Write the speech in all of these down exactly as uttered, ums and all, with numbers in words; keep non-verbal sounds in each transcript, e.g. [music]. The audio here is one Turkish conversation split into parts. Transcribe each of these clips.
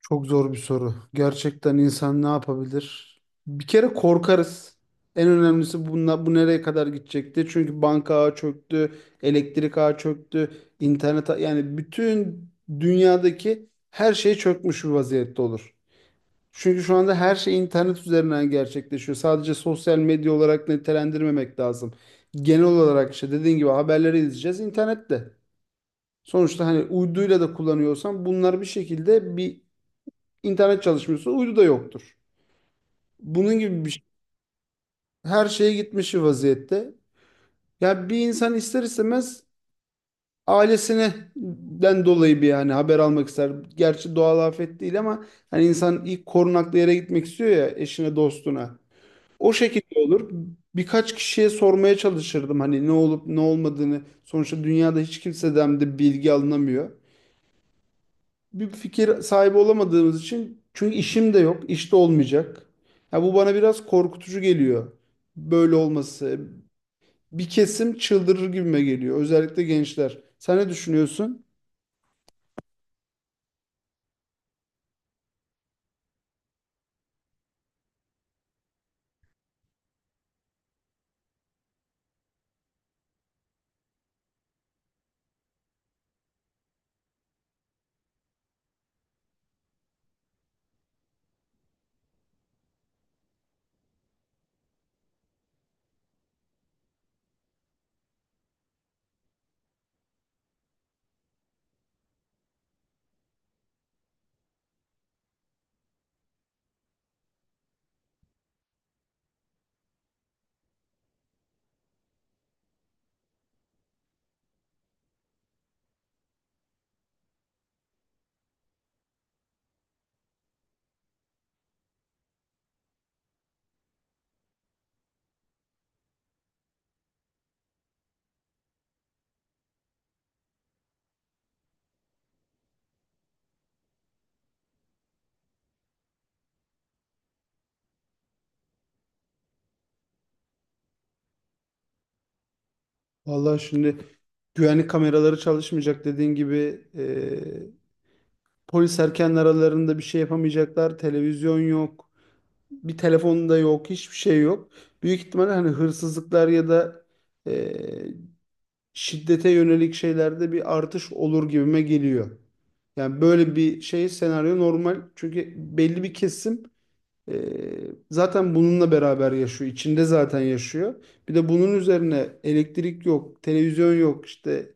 Çok zor bir soru. Gerçekten insan ne yapabilir? Bir kere korkarız. En önemlisi bunla, bu nereye kadar gidecekti? Çünkü banka ağı çöktü, elektrik ağı çöktü, internet ağı- yani bütün dünyadaki her şey çökmüş bir vaziyette olur. Çünkü şu anda her şey internet üzerinden gerçekleşiyor. Sadece sosyal medya olarak nitelendirmemek lazım. Genel olarak işte dediğin gibi haberleri izleyeceğiz internette. Sonuçta hani uyduyla da kullanıyorsan bunlar bir şekilde bir. İnternet çalışmıyorsa uydu da yoktur. Bunun gibi bir şey. Her şeye gitmiş vaziyette. Ya bir insan ister istemez ailesinden dolayı bir yani haber almak ister. Gerçi doğal afet değil ama hani insan ilk korunaklı yere gitmek istiyor ya eşine dostuna. O şekilde olur. Birkaç kişiye sormaya çalışırdım hani ne olup ne olmadığını. Sonuçta dünyada hiç kimseden de bilgi alınamıyor. Bir fikir sahibi olamadığımız için çünkü işim de yok, iş de olmayacak. Ya bu bana biraz korkutucu geliyor. Böyle olması. Bir kesim çıldırır gibime geliyor. Özellikle gençler. Sen ne düşünüyorsun? Vallahi şimdi güvenlik kameraları çalışmayacak dediğin gibi e, polis erken aralarında bir şey yapamayacaklar. Televizyon yok. Bir telefon da yok. Hiçbir şey yok. Büyük ihtimalle hani hırsızlıklar ya da şiddete yönelik şeylerde bir artış olur gibime geliyor. Yani böyle bir şey senaryo normal. Çünkü belli bir kesim e, zaten bununla beraber yaşıyor. İçinde zaten yaşıyor. Bir de bunun üzerine elektrik yok, televizyon yok, işte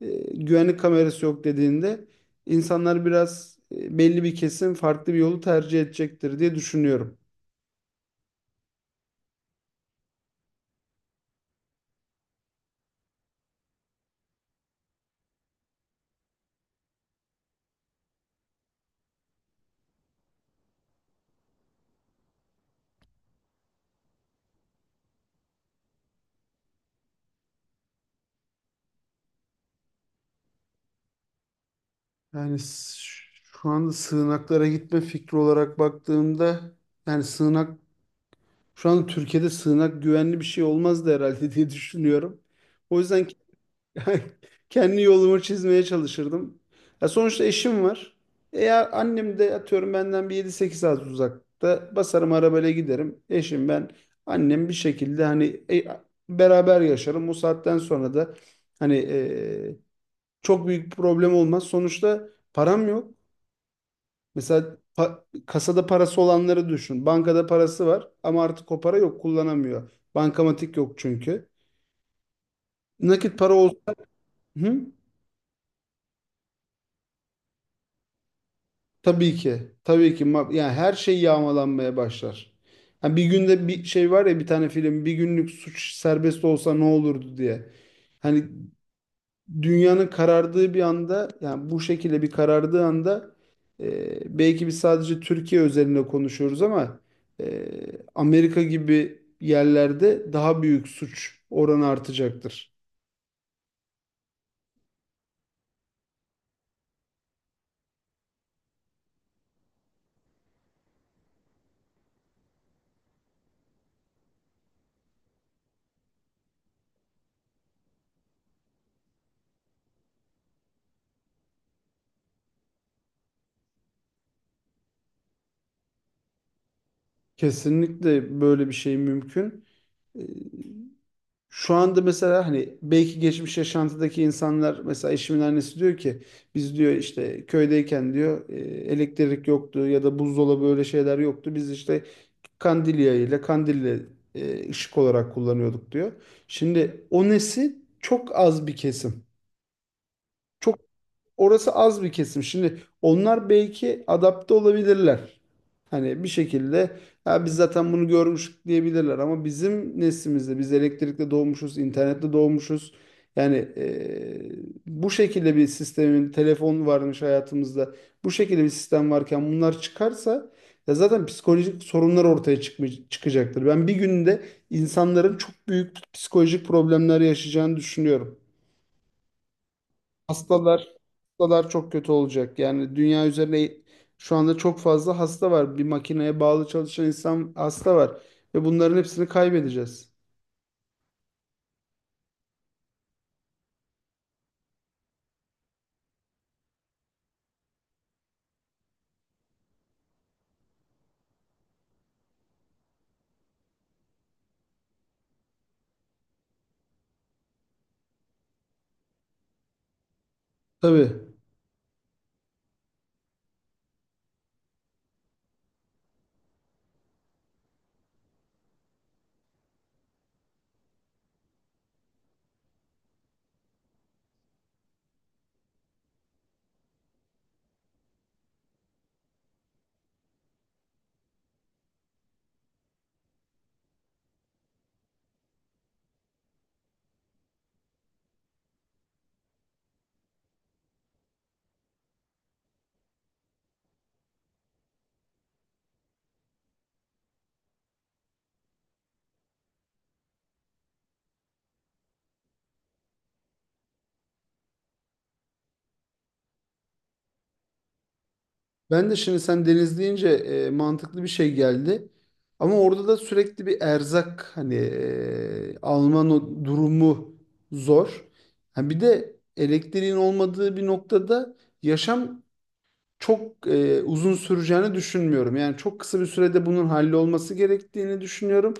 e, güvenlik kamerası yok dediğinde insanlar biraz e, belli bir kesim farklı bir yolu tercih edecektir diye düşünüyorum. Yani s- Şu anda sığınaklara gitme fikri olarak baktığımda yani sığınak. Şu an Türkiye'de sığınak güvenli bir şey olmazdı herhalde diye düşünüyorum. O yüzden ke- [laughs] kendi yolumu çizmeye çalışırdım. Ya sonuçta eşim var. Eğer annem de atıyorum benden bir yedi sekiz saat uzakta basarım arabayla giderim. Eşim ben annem bir şekilde hani e, beraber yaşarım. O saatten sonra da hani e, çok büyük bir problem olmaz. Sonuçta param yok. Mesela pa- kasada parası olanları düşün. Bankada parası var ama artık o para yok kullanamıyor. Bankamatik yok çünkü. Nakit para olsun. Hı? Tabii ki. Tabii ki. Ma- Yani her şey yağmalanmaya başlar. Ha bir günde bir şey var ya bir tane film bir günlük suç serbest olsa ne olurdu diye. Hani dünyanın karardığı bir anda yani bu şekilde bir karardığı anda e, belki biz sadece Türkiye özelinde konuşuyoruz ama e, Amerika gibi yerlerde daha büyük suç oranı artacaktır. Kesinlikle böyle bir şey mümkün. E, Şu anda mesela hani belki geçmiş yaşantıdaki insanlar mesela eşimin annesi diyor ki biz diyor işte köydeyken diyor e, elektrik yoktu ya da buzdolabı öyle şeyler yoktu. Biz işte Kandilya ile kandille e, ışık olarak kullanıyorduk diyor. Şimdi o nesil çok az bir kesim. Çok orası az bir kesim. Şimdi onlar belki adapte olabilirler. Hani bir şekilde ya biz zaten bunu görmüştük diyebilirler ama bizim neslimizde biz elektrikle doğmuşuz, internette doğmuşuz. Yani eee, bu şekilde bir sistemin telefon varmış hayatımızda. Bu şekilde bir sistem varken bunlar çıkarsa ya zaten psikolojik sorunlar ortaya çıkmay- çıkacaktır. Ben bir günde insanların çok büyük psikolojik problemler yaşayacağını düşünüyorum. Hastalar hastalar çok kötü olacak. Yani dünya üzerinde şu anda çok fazla hasta var. Bir makineye bağlı çalışan insan hasta var. Ve bunların hepsini kaybedeceğiz. Tabii. Ben de şimdi sen deniz deyince e, mantıklı bir şey geldi. Ama orada da sürekli bir erzak hani e, alma no- durumu zor. Ha bir de elektriğin olmadığı bir noktada yaşam çok e, uzun süreceğini düşünmüyorum. Yani çok kısa bir sürede bunun hallolması gerektiğini düşünüyorum.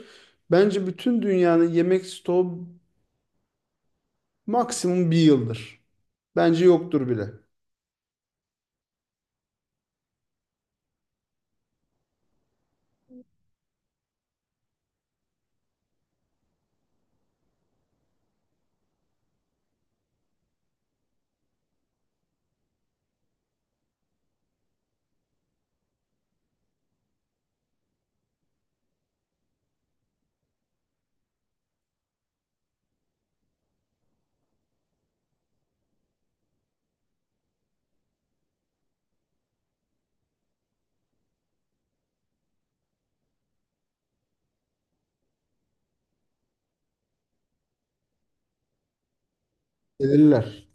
Bence bütün dünyanın yemek stoğu maksimum bir yıldır. Bence yoktur bile. Gelirler.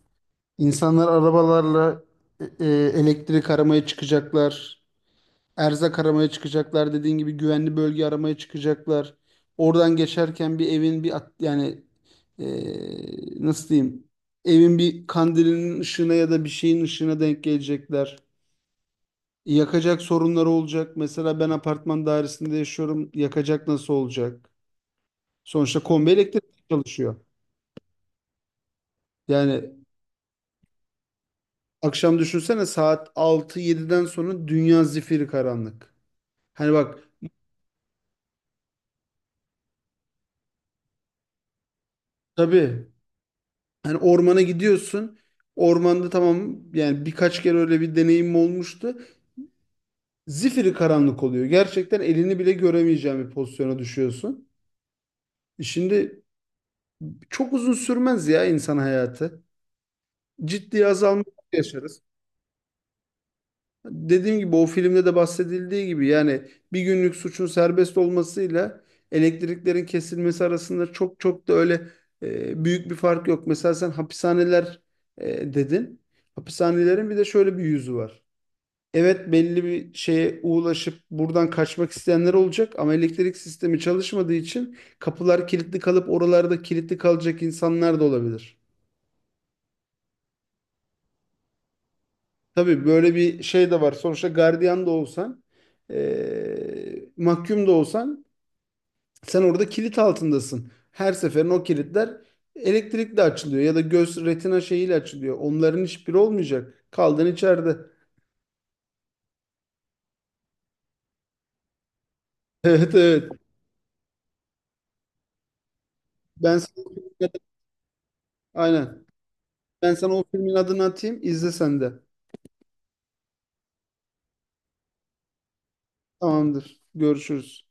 İnsanlar arabalarla e, e, elektrik aramaya çıkacaklar. Erzak aramaya çıkacaklar. Dediğin gibi güvenli bölge aramaya çıkacaklar. Oradan geçerken bir evin bir at- yani e, nasıl diyeyim evin bir kandilinin ışığına ya da bir şeyin ışığına denk gelecekler. Yakacak sorunları olacak. Mesela ben apartman dairesinde yaşıyorum. Yakacak nasıl olacak? Sonuçta kombi elektrik çalışıyor. Yani akşam düşünsene saat altı yediden sonra dünya zifiri karanlık. Hani bak tabii hani ormana gidiyorsun. Ormanda tamam yani birkaç kere öyle bir deneyim olmuştu. Zifiri karanlık oluyor. Gerçekten elini bile göremeyeceğin bir pozisyona düşüyorsun. E Şimdi çok uzun sürmez ya insan hayatı. Ciddi azalma yaşarız. Dediğim gibi o filmde de bahsedildiği gibi yani bir günlük suçun serbest olmasıyla elektriklerin kesilmesi arasında çok çok da öyle e, büyük bir fark yok. Mesela sen hapishaneler e, dedin. Hapishanelerin bir de şöyle bir yüzü var. Evet belli bir şeye ulaşıp buradan kaçmak isteyenler olacak ama elektrik sistemi çalışmadığı için kapılar kilitli kalıp oralarda kilitli kalacak insanlar da olabilir. Tabii böyle bir şey de var. Sonuçta gardiyan da olsan, eee mahkum da olsan sen orada kilit altındasın. Her seferin o kilitler elektrikle açılıyor ya da göz retina şeyiyle açılıyor. Onların hiçbiri olmayacak. Kaldın içeride. [laughs] Evet evet. Ben sana aynen. Ben sana o filmin adını atayım. İzle sen de. Tamamdır. Görüşürüz.